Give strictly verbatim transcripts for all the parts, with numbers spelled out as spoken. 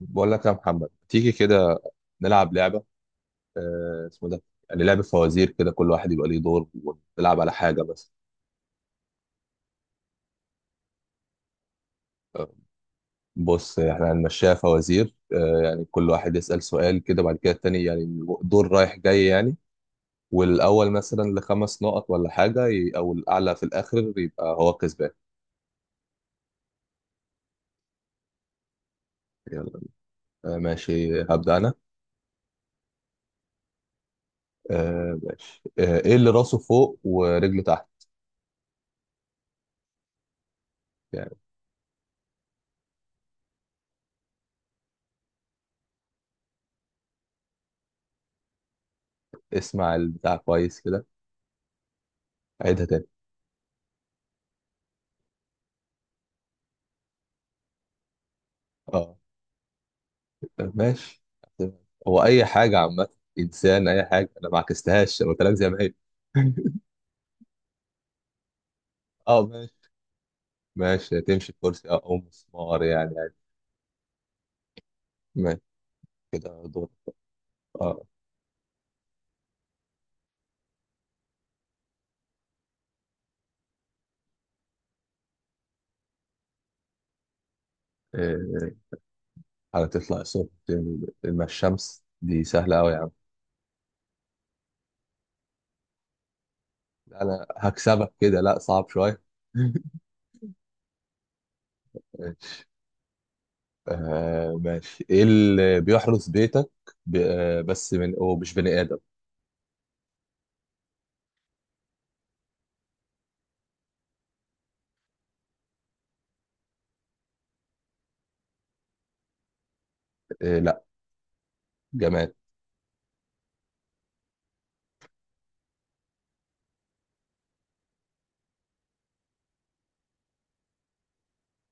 بقول لك يا محمد تيجي كده نلعب لعبة. آه اسمه ده يعني لعبة فوازير كده، كل واحد يبقى ليه دور ونلعب على حاجة. بس آه بص، احنا هنمشيها فوازير، آه يعني كل واحد يسأل سؤال كده، بعد كده التاني، يعني دور رايح جاي يعني. والأول مثلا لخمس نقط ولا حاجة، ي- أو الأعلى في الآخر يبقى هو كسبان. يلا. آه ماشي، هبدأ أنا. آه ماشي، آه، إيه اللي راسه فوق ورجله تحت؟ يعني اسمع البتاع كويس كده، عيدها تاني. آه. ماشي، هو اي حاجه عامه، انسان، اي حاجه، انا ما عكستهاش، انا قلت لك زي ما هي. اه ماشي، ماشي تمشي كرسي اه، او مسمار يعني عادي. ماشي كده دور. اه، إيه، هتطلع الصبح مع الشمس، دي سهله قوي يا عم. انا هكسبك كده، لا صعب شويه. ماشي. آه ماشي، ايه اللي بيحرس بيتك؟ ب- آه، بس من هو مش بني ادم. آه لا، جماد.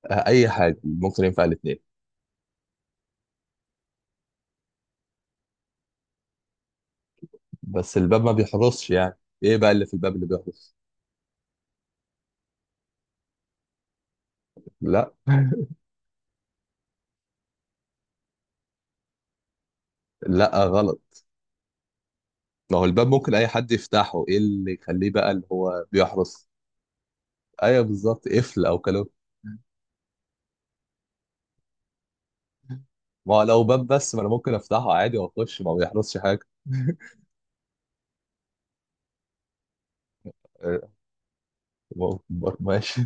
آه اي حاجه، ممكن ينفع الاثنين. بس الباب ما بيحرسش يعني، ايه بقى اللي في الباب اللي بيحرس؟ لا. لا غلط. ما هو الباب ممكن اي حد يفتحه، ايه اللي يخليه بقى اللي هو بيحرس؟ ايوه بالظبط، قفل او كلو. ما هو لو باب بس، ما انا ممكن افتحه عادي واخش، ما هو بيحرسش حاجه. آه، م- م- ماشي.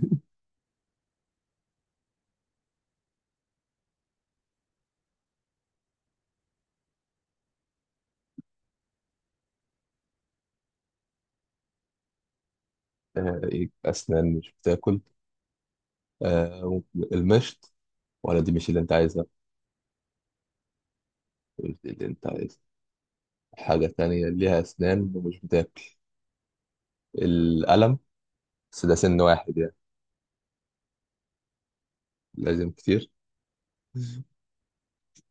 آه، إيه، اسنان مش بتاكل، آه، المشط. ولا دي مش اللي انت عايزها؟ قلت اللي انت عايزها، حاجه تانية ليها اسنان ومش بتاكل، القلم. بس ده سن واحد يعني. لازم كتير.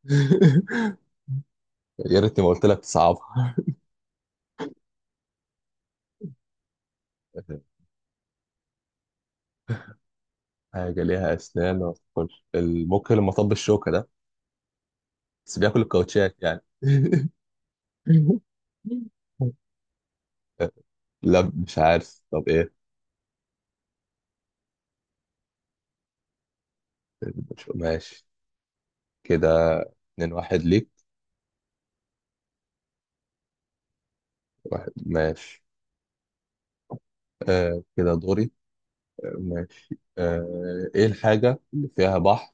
يا ريتني ما قلت لك تصعبها. حاجة ليها أسنان ما بتاكلش، الموك اللي مطب الشوكة ده، بس بياكل الكاوتشات يعني. لا مش عارف، طب إيه؟ مش- ماشي كده. اتنين واحد ليك؟ واحد ماشي. آه كده دوري. آه، ماشي، آه، إيه الحاجة اللي فيها بحر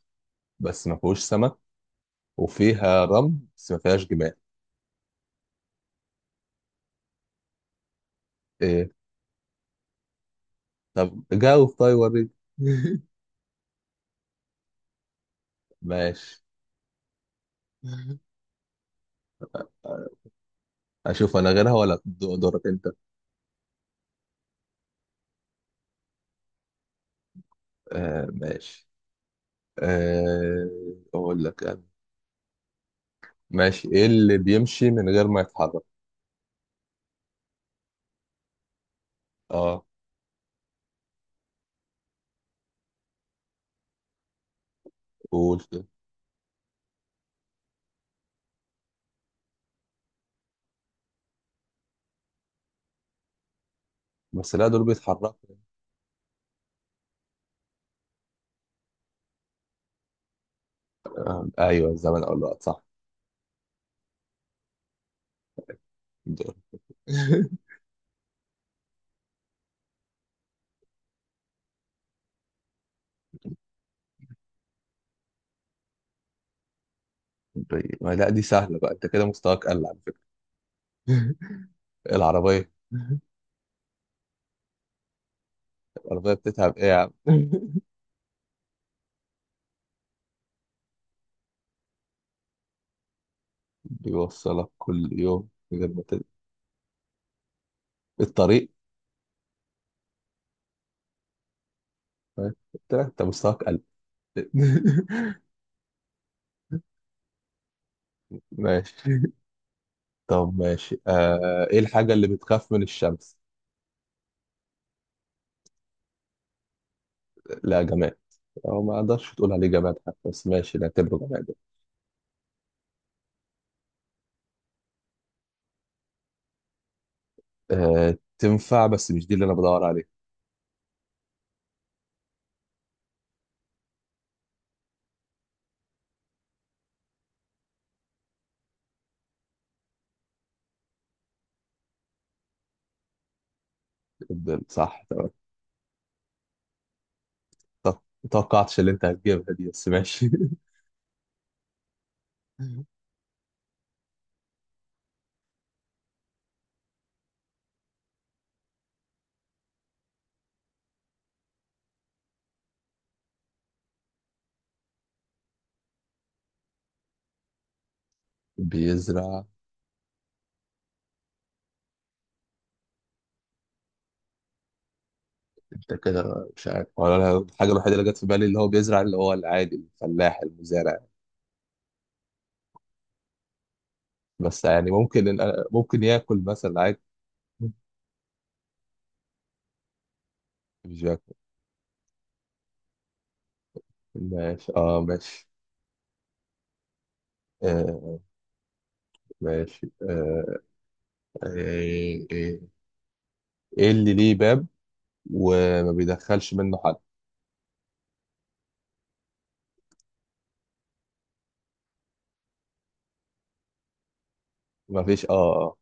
بس ما فيهوش سمك، وفيها رمل بس ما فيهاش جمال؟ إيه؟ طب جاوب طيب وريني. ماشي. اشوف انا غيرها ولا دو- دورك انت؟ آه ماشي. آه، اقول لك أنا. ماشي، ايه اللي بيمشي من غير ما يتحرك؟ اه قول كده. بس لا، دول بيتحركوا. ايوه، الزمن او الوقت صح. دول. طيب ما لا، دي سهله بقى، انت كده مستواك قل على فكره. العربيه. العربيه بتتعب ايه يا عم؟ بيوصلك كل يوم من غير ما تت- الطريق. طيب، قلت لك انت مستواك قل. ماشي. طب ماشي، آه، ايه الحاجة اللي بتخاف من الشمس؟ لا جماد، او ما اقدرش تقول عليه جماد حتى، بس ماشي نعتبره جماد. آه تنفع، بس مش دي اللي انا بدور عليها. افضل، صح تمام. طب ما توقعتش اللي انت هتجيبها دي، بس ماشي. بيزرع. انت كده مش عارف ولا أنا؟ الحاجة الوحيدة اللي جت في بالي اللي هو بيزرع اللي هو العادي، الفلاح، المزارع. بس يعني ممكن إن أنا- ممكن ياكل مثلا عادي. مش ياكل. ماشي اه ماشي. آه ماشي، آه، إيه، إيه اللي ليه باب وما بيدخلش منه حد؟ ما فيش اه آه.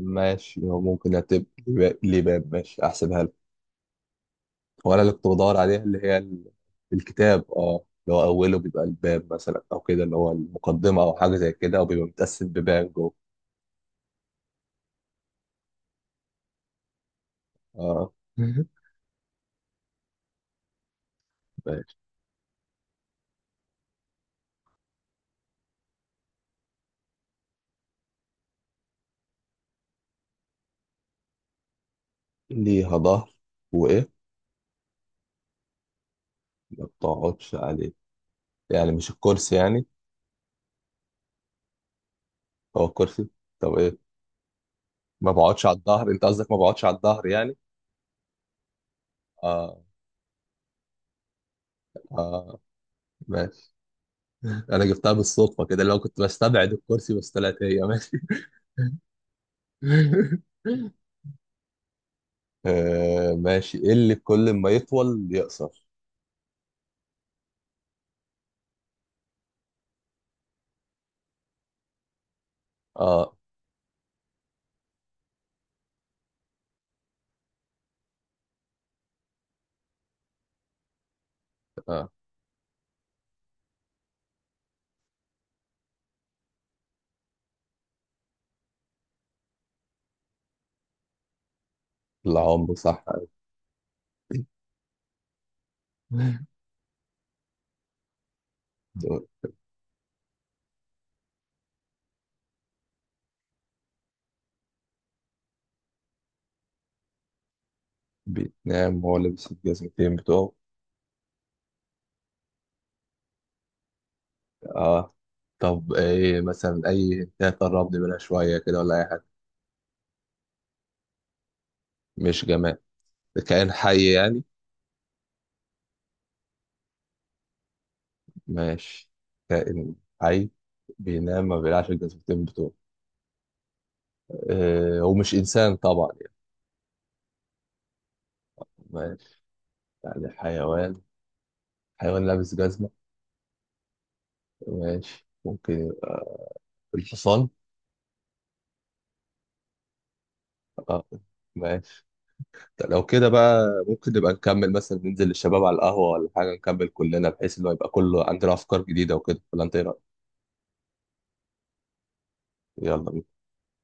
ماشي، هو ممكن هتبقى ليه باب، ماشي احسبها لك. وانا اللي كنت بدور عليها اللي هي ال- الكتاب، اه، اللي هو اوله بيبقى الباب مثلا، او كده اللي هو المقدمه او حاجه زي كده، او بيبقى متقسم ببان جوه. اه ماشي. ليها ظهر وايه؟ ما بتقعدش عليه، يعني مش الكرسي يعني؟ هو الكرسي. طب ايه، ما بقعدش على الظهر؟ انت قصدك ما بقعدش على الظهر يعني. اه اه ماشي. انا جبتها بالصدفه كده، لو كنت بستبعد الكرسي، بس طلعت هي، ماشي. آه ماشي، ايه اللي كل ما يطول يقصر؟ اه اه. العمر صح. دول. بيتنام وهو لابس الجزمتين بتوعه. اه. طب ايه مثلا، اي حاجة قربني منها شويه كده، ولا اي حاجه؟ مش جماد، ده كائن حي يعني. ماشي، كائن حي بينام ما بيلعش الجزمتين بتوعه، آه ومش انسان طبعا يعني. ماشي يعني حيوان، حيوان لابس جزمة، ماشي ممكن، الحصان. اه ماشي. طب لو كده بقى، ممكن نبقى نكمل مثلا، ننزل للشباب على القهوة ولا حاجة، نكمل كلنا بحيث اللي هو يبقى كله عندنا أفكار جديدة وكده، ولا أنت إيه رأيك؟ يلا بينا.